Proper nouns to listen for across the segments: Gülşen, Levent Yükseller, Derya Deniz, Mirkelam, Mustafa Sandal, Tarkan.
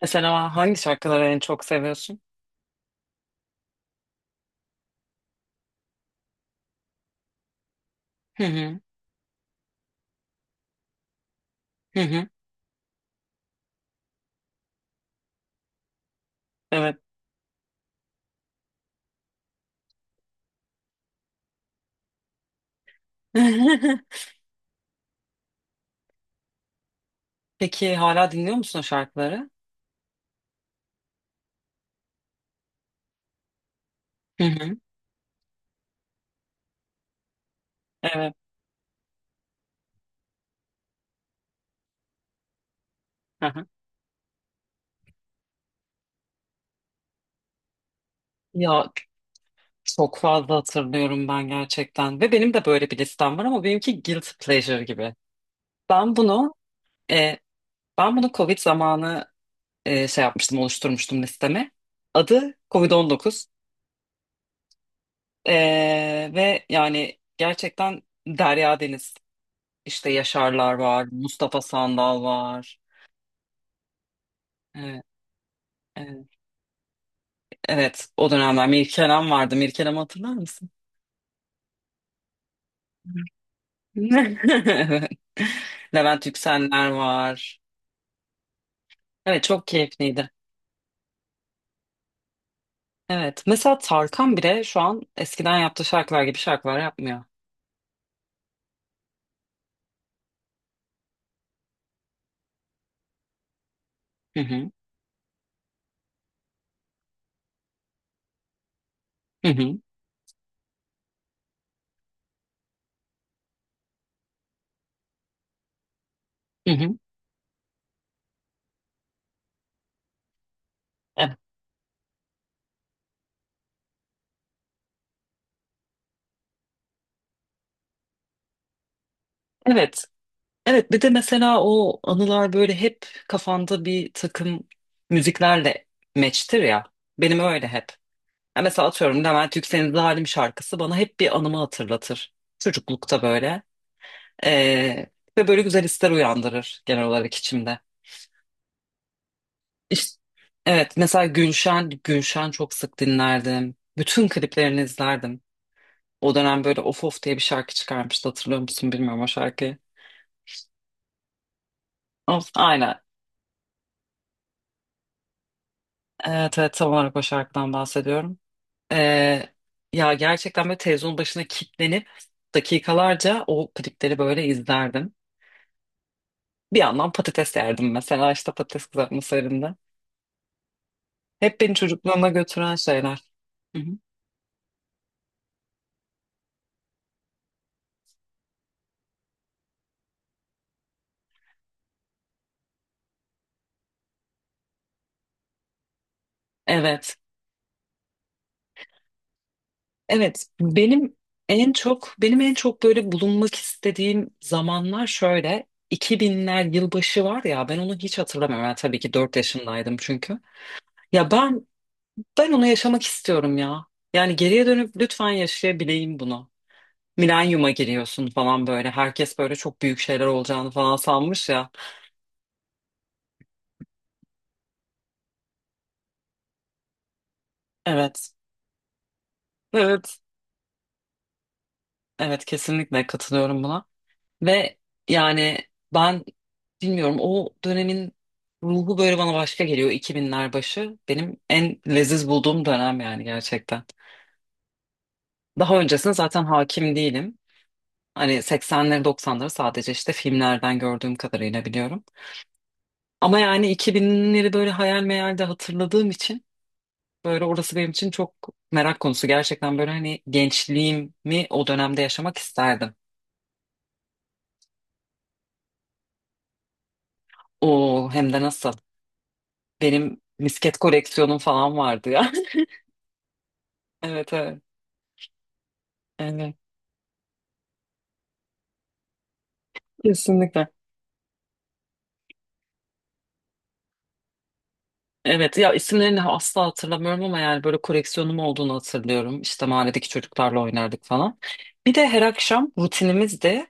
Mesela hangi şarkıları en çok seviyorsun? Hı hı. Hı hı. Evet. Peki hala dinliyor musun o şarkıları? Hı hı. Evet. Hı hı. Ya çok fazla hatırlıyorum ben gerçekten. Ve benim de böyle bir listem var ama benimki guilty pleasure gibi. Ben bunu e, ben bunu Covid zamanı şey yapmıştım, oluşturmuştum listemi. Adı Covid-19. E, ve yani gerçekten Derya Deniz. İşte Yaşarlar var, Mustafa Sandal var. Evet. Evet, evet, o dönemler Mirkelam vardı. Mirkelam'ı hatırlar mısın? Evet. Levent Yükseller var. Evet, çok keyifliydi. Evet, mesela Tarkan bile şu an eskiden yaptığı şarkılar gibi şarkılar yapmıyor. Hı hı. Hı hı. Hı hı. Evet. Evet. Evet, bir de mesela o anılar böyle hep kafanda bir takım müziklerle meçtir ya. Benim öyle hep. Ya mesela atıyorum, Levent Yüksel'in Zalim şarkısı bana hep bir anımı hatırlatır. Çocuklukta böyle. Ee, ve böyle güzel hisler uyandırır genel olarak içimde. İşte, evet mesela Gülşen çok sık dinlerdim. Bütün kliplerini izlerdim. O dönem böyle Of Of diye bir şarkı çıkarmıştı, hatırlıyor musun bilmiyorum o şarkıyı. Of, aynen. Evet, evet, tam olarak o şarkıdan bahsediyorum. Ee, ya gerçekten böyle televizyonun başına kilitlenip dakikalarca o klipleri böyle izlerdim. Bir yandan patates yerdim mesela, işte patates kızartması halinde. Hep beni çocukluğuma götüren şeyler. Hı hı. Evet. Evet, benim en çok böyle bulunmak istediğim zamanlar şöyle 2000'ler yılbaşı var ya, ben onu hiç hatırlamıyorum. Yani tabii ki 4 yaşındaydım çünkü. Ya ben onu yaşamak istiyorum ya. Yani geriye dönüp lütfen yaşayabileyim bunu. Milenyuma giriyorsun falan böyle. Herkes böyle çok büyük şeyler olacağını falan sanmış ya. Evet. Evet. Evet, kesinlikle katılıyorum buna. Ve yani ben bilmiyorum, o dönemin ruhu böyle bana başka geliyor, 2000'ler başı. Benim en leziz bulduğum dönem yani gerçekten. Daha öncesine zaten hakim değilim. Hani 80'leri 90'ları sadece işte filmlerden gördüğüm kadarıyla biliyorum. Ama yani 2000'leri böyle hayal meyal de hatırladığım için böyle orası benim için çok merak konusu. Gerçekten böyle hani gençliğimi o dönemde yaşamak isterdim. O hem de nasıl. Benim misket koleksiyonum falan vardı ya. Evet, evet. Evet. Kesinlikle. Evet ya, isimlerini asla hatırlamıyorum ama yani böyle koleksiyonum olduğunu hatırlıyorum. İşte mahalledeki çocuklarla oynardık falan. Bir de her akşam rutinimiz de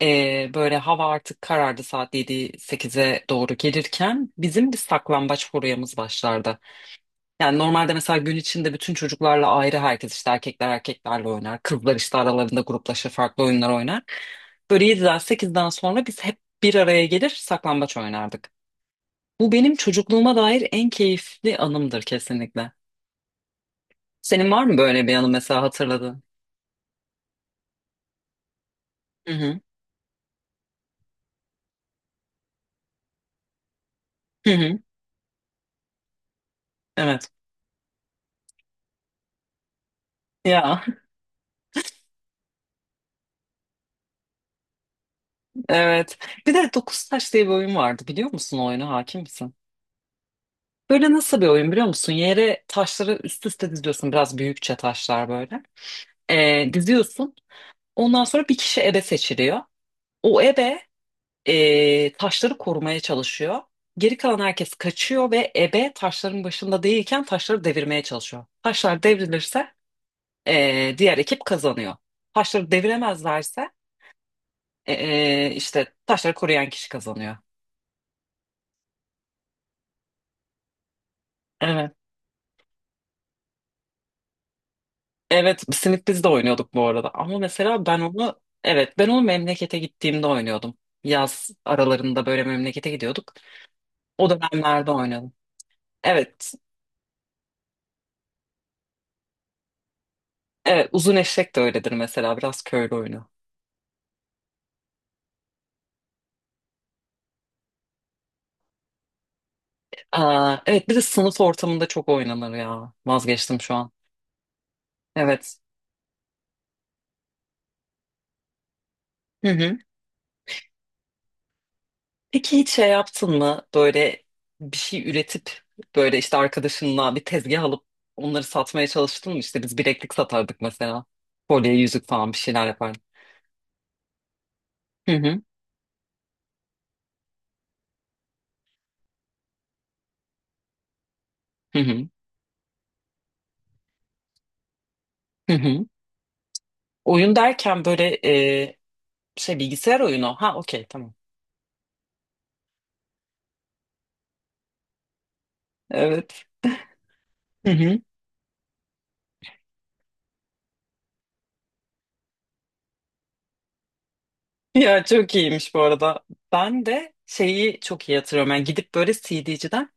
böyle hava artık karardı, saat yedi sekize doğru gelirken bizim bir saklambaç furyamız başlardı. Yani normalde mesela gün içinde bütün çocuklarla ayrı, herkes işte erkekler erkeklerle oynar. Kızlar işte aralarında gruplaşır, farklı oyunlar oynar. Böyle 7'den 8'den sonra biz hep bir araya gelir saklambaç oynardık. Bu benim çocukluğuma dair en keyifli anımdır kesinlikle. Senin var mı böyle bir anı mesela hatırladığın? Hı hı. Hı hı. Evet. Ya, evet. Bir de dokuz taş diye bir oyun vardı, biliyor musun o oyunu, hakim misin? Böyle nasıl bir oyun biliyor musun? Yere taşları üst üste diziyorsun, biraz büyükçe taşlar böyle. Diziyorsun. Ondan sonra bir kişi ebe seçiliyor. O ebe taşları korumaya çalışıyor. Geri kalan herkes kaçıyor ve ebe taşların başında değilken taşları devirmeye çalışıyor. Taşlar devrilirse diğer ekip kazanıyor. Taşları deviremezlerse e, işte taşları koruyan kişi kazanıyor. Evet. Evet, Simit biz de oynuyorduk bu arada. Ama mesela ben onu, evet, ben onu memlekete gittiğimde oynuyordum. Yaz aralarında böyle memlekete gidiyorduk. O dönemlerde oynadım. Evet. Evet, uzun eşek de öyledir mesela, biraz köylü oyunu. Aa, evet, bir de sınıf ortamında çok oynanır ya. Vazgeçtim şu an. Evet. Hı hı. Peki hiç şey yaptın mı böyle bir şey üretip, böyle işte arkadaşınla bir tezgah alıp onları satmaya çalıştın mı? İşte biz bileklik satardık mesela. Kolye, yüzük falan bir şeyler yapardık. Hı hı. Hı hı. Hı hı. Oyun derken böyle e, şey, bilgisayar oyunu. Ha, okey, tamam. Evet. Hı hı. Ya çok iyiymiş bu arada. Ben de şeyi çok iyi hatırlıyorum. Yani gidip böyle CD'ciden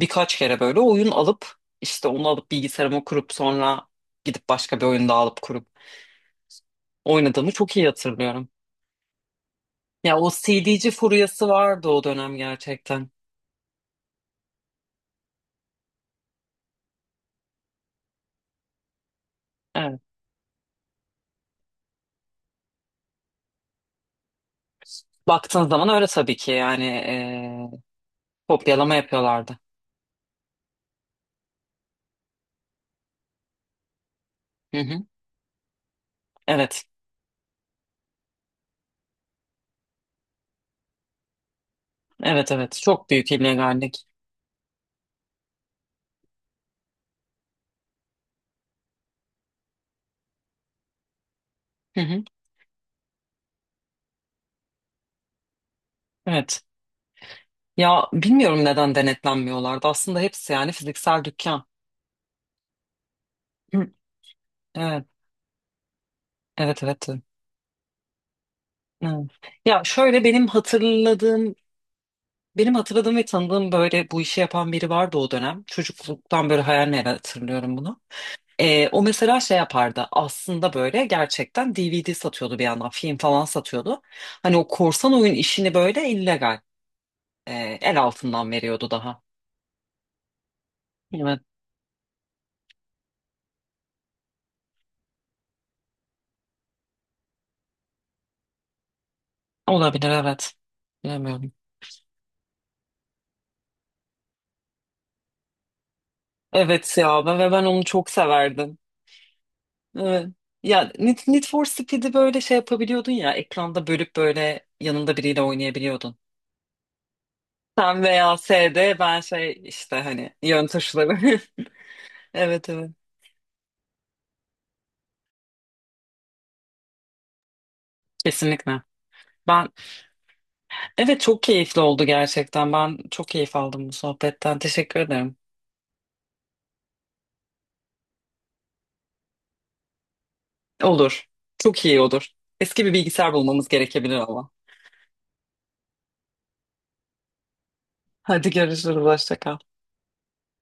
birkaç kere böyle oyun alıp, işte onu alıp bilgisayarıma kurup, sonra gidip başka bir oyun daha alıp kurup oynadığımı çok iyi hatırlıyorum. Ya o CD'ci furyası vardı o dönem gerçekten. Evet. Baktığın zaman öyle tabii ki, yani kopyalama yapıyorlardı. Hı hı. Evet. Evet, evet. Çok büyük illegallik. Hı hı. Evet. Ya bilmiyorum neden denetlenmiyorlardı. Aslında hepsi yani fiziksel dükkan. Hı. Evet. Evet, evet. Evet. Ya şöyle, benim hatırladığım ve tanıdığım böyle bu işi yapan biri vardı o dönem. Çocukluktan böyle hayal meyal hatırlıyorum bunu. O mesela şey yapardı aslında, böyle gerçekten DVD satıyordu, bir yandan film falan satıyordu. Hani o korsan oyun işini böyle illegal, el altından veriyordu daha. Evet, olabilir, evet, bilemiyorum. Evet ya ben onu çok severdim. Evet. Ya Need for Speed'i böyle şey yapabiliyordun ya, ekranda bölüp böyle yanında biriyle oynayabiliyordun. Sen veya S'de ben şey, işte hani yön tuşları. Evet, evet, kesinlikle. Ben Evet, çok keyifli oldu gerçekten. Ben çok keyif aldım bu sohbetten. Teşekkür ederim. Olur. Çok iyi olur. Eski bir bilgisayar bulmamız gerekebilir ama. Hadi görüşürüz. Hoşça kal.